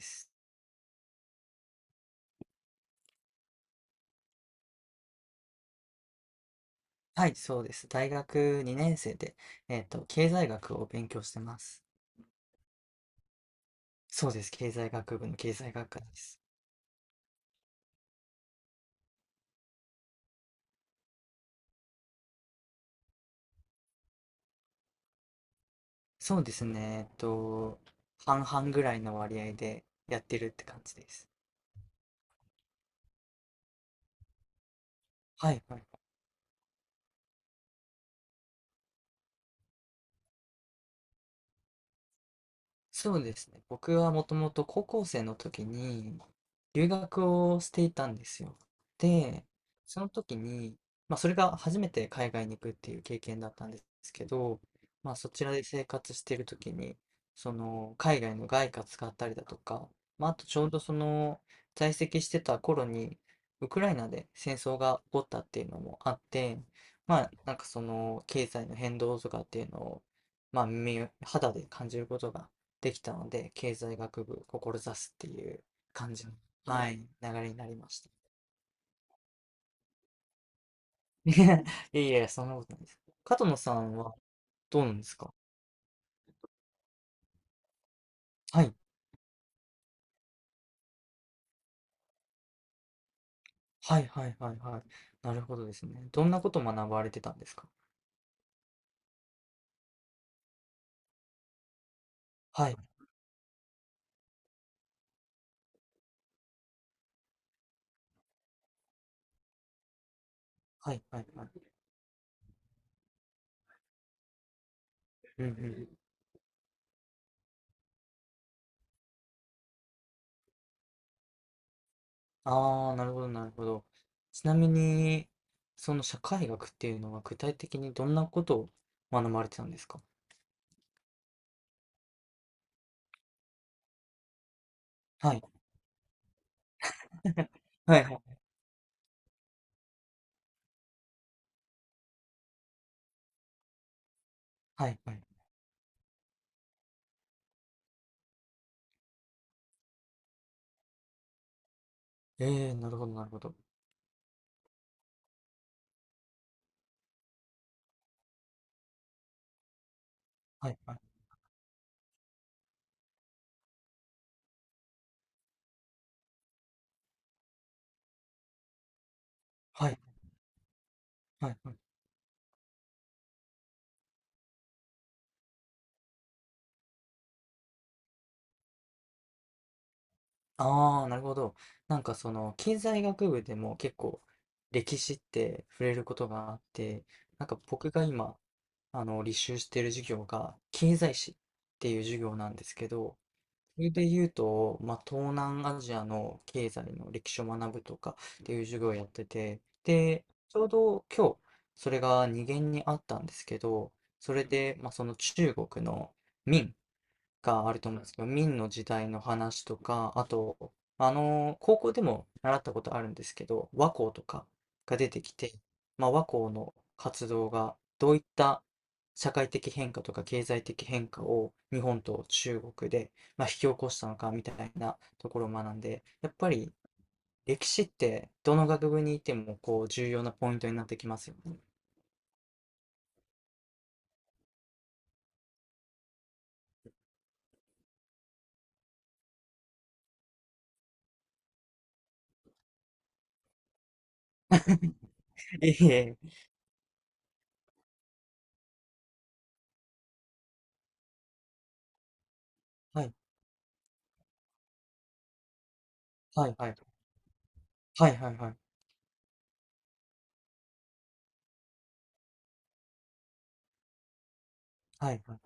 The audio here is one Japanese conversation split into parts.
すはい、そうです。大学2年生で、経済学を勉強してます。そうです。経済学部の経済学科です。そうですね。半々ぐらいの割合でやってるって感じです。はい、はい。そうですね。僕はもともと高校生の時に留学をしていたんですよ。で、その時に、まあそれが初めて海外に行くっていう経験だったんですけど、まあそちらで生活している時に、その海外の外貨使ったりだとか、まああとちょうどその在籍してた頃にウクライナで戦争が起こったっていうのもあって、まあなんかその経済の変動とかっていうのを、まあ耳を肌で感じることができたので、経済学部志すっていう感じの、はい、流れになりました。いやいや、そんなことないです。加藤野さんはどうなんですか？はい、はいはいはいはい。なるほどですね。どんなことを学ばれてたんですか？はい、はいはいはい。うんうん。ああ、なるほどなるほど。ちなみに、その社会学っていうのは具体的にどんなことを学ばれてたんですか？はい。はいはい。はいはい。ええー、なるほどなるほど。はいはい。はいはいはい。ああ、なるほど。なんかその経済学部でも結構歴史って触れることがあって、なんか僕が今、履修している授業が経済史っていう授業なんですけど、それで言うと、まあ、東南アジアの経済の歴史を学ぶとかっていう授業をやってて、で、ちょうど今日、それが二限にあったんですけど、それで、まあ、その中国の明があると思うんですけど、明の時代の話とか、あと、高校でも習ったことあるんですけど、和光とかが出てきて、まあ、和光の活動がどういった社会的変化とか経済的変化を日本と中国で、まあ、引き起こしたのかみたいなところを学んで、やっぱり歴史ってどの学部にいてもこう重要なポイントになってきますよね。ええ。はい、はい。はい、はい、はい。はい、はい、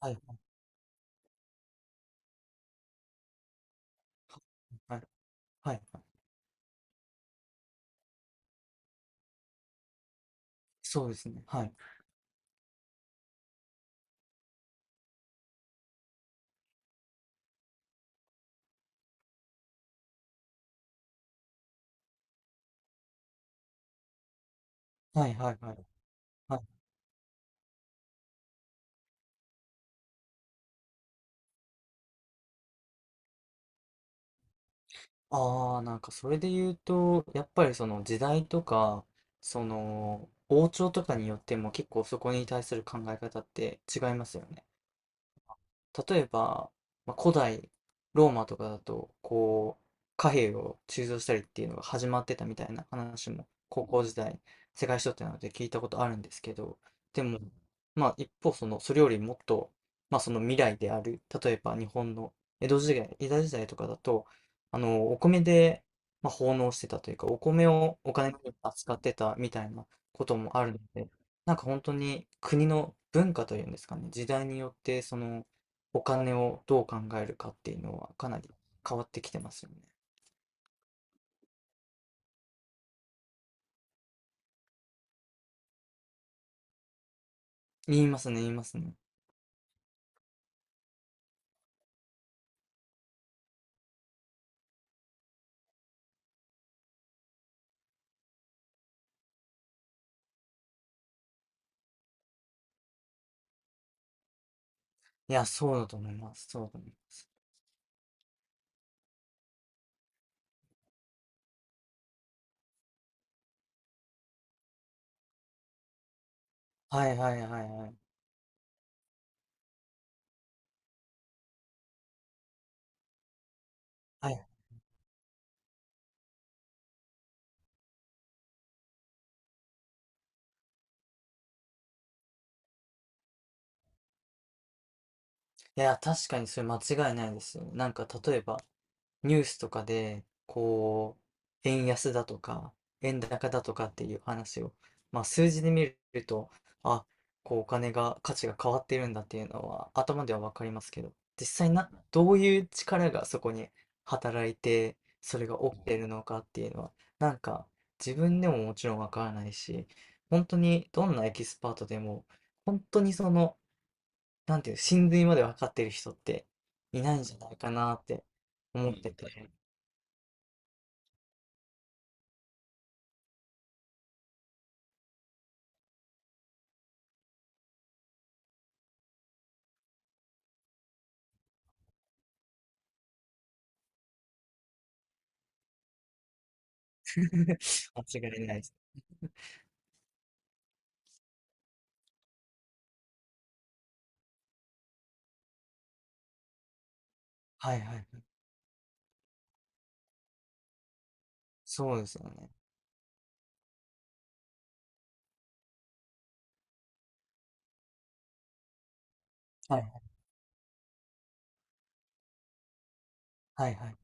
はい、はい。はい、はい。はい、そうですね。はい。はいはいはい。はい。ああ、なんかそれで言うと、やっぱりその時代とか、その王朝とかによっても結構そこに対する考え方って違いますよね。例えば、まあ、古代ローマとかだとこう貨幣を鋳造したりっていうのが始まってたみたいな話も高校時代世界史とってなので聞いたことあるんですけど、でも、まあ一方そのそれよりもっと、まあその未来である例えば日本の江戸時代とかだと、あのお米で、まあ奉納してたというか、お米をお金に扱ってたみたいなこともあるので、なんか本当に国の文化というんですかね、時代によってそのお金をどう考えるかっていうのはかなり変わってきてますよね。言いますね、言いますね。いや、そうだと思います。そうだと思います。はいはいはいはい。はい。いや、確かにそれ間違いないですよ。なんか例えばニュースとかで、こう、円安だとか、円高だとかっていう話を、まあ数字で見ると、あ、こうお金が、価値が変わってるんだっていうのは頭ではわかりますけど、実際な、どういう力がそこに働いて、それが起きてるのかっていうのは、なんか自分でももちろんわからないし、本当にどんなエキスパートでも、本当にその、なんていう、真髄までわかってる人っていないんじゃないかなって思ってて。間違いないです。はいはい、そうですよね。はいはいはい。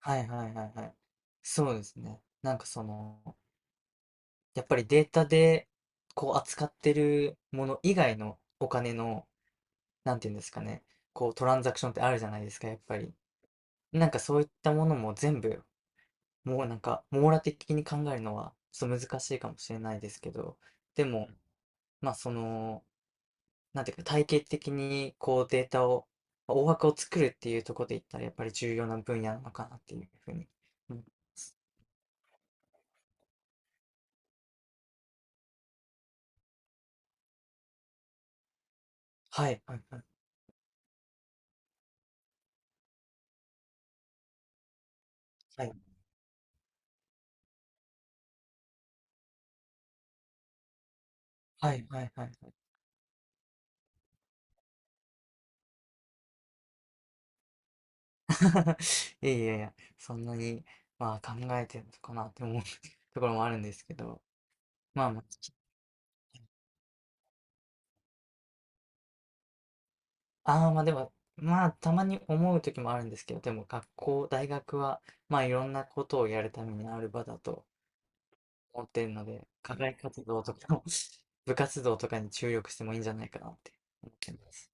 はいはいはいはい。そうですね。なんかその、やっぱりデータでこう扱ってるもの以外のお金の、なんていうんですかね、こうトランザクションってあるじゃないですか、やっぱり。なんかそういったものも全部、もうなんか網羅的に考えるのはちょっと難しいかもしれないですけど、でも、まあその、なんていうか、体系的にこうデータを、大枠を作るっていうところで言ったら、やっぱり重要な分野なのかなっていうふうに思います。はい、はい、はい、はい、はい、はい、はい。はい。 いやいやいや、そんなに、まあ考えてるのかなって思う ところもあるんですけど、まあまあ、ああ、まあでも、まあたまに思う時もあるんですけど、でも学校、大学は、まあいろんなことをやるためにある場だと思ってるので、課外活動とか 部活動とかに注力してもいいんじゃないかなって思ってます。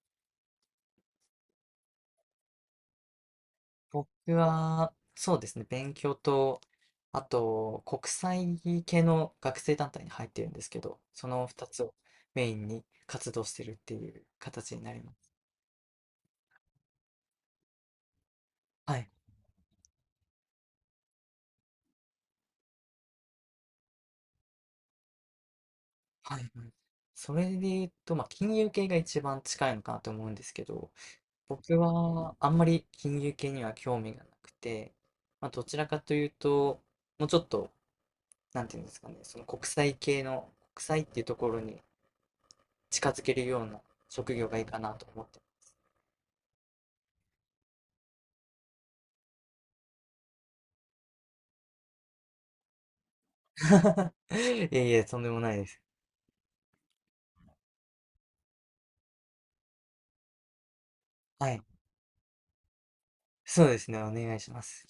僕は、そうですね、勉強と、あと、国際系の学生団体に入ってるんですけど、その2つをメインに活動してるっていう形になります。はい。はい。はい、それで言うと、まあ、金融系が一番近いのかなと思うんですけど、僕はあんまり金融系には興味がなくて、まあ、どちらかというと、もうちょっとなんていうんですかね、その国際系の、国際っていうところに近づけるような職業がいいかなと思って。いえいえ、とんでもないです。はい。そうですね、お願いします。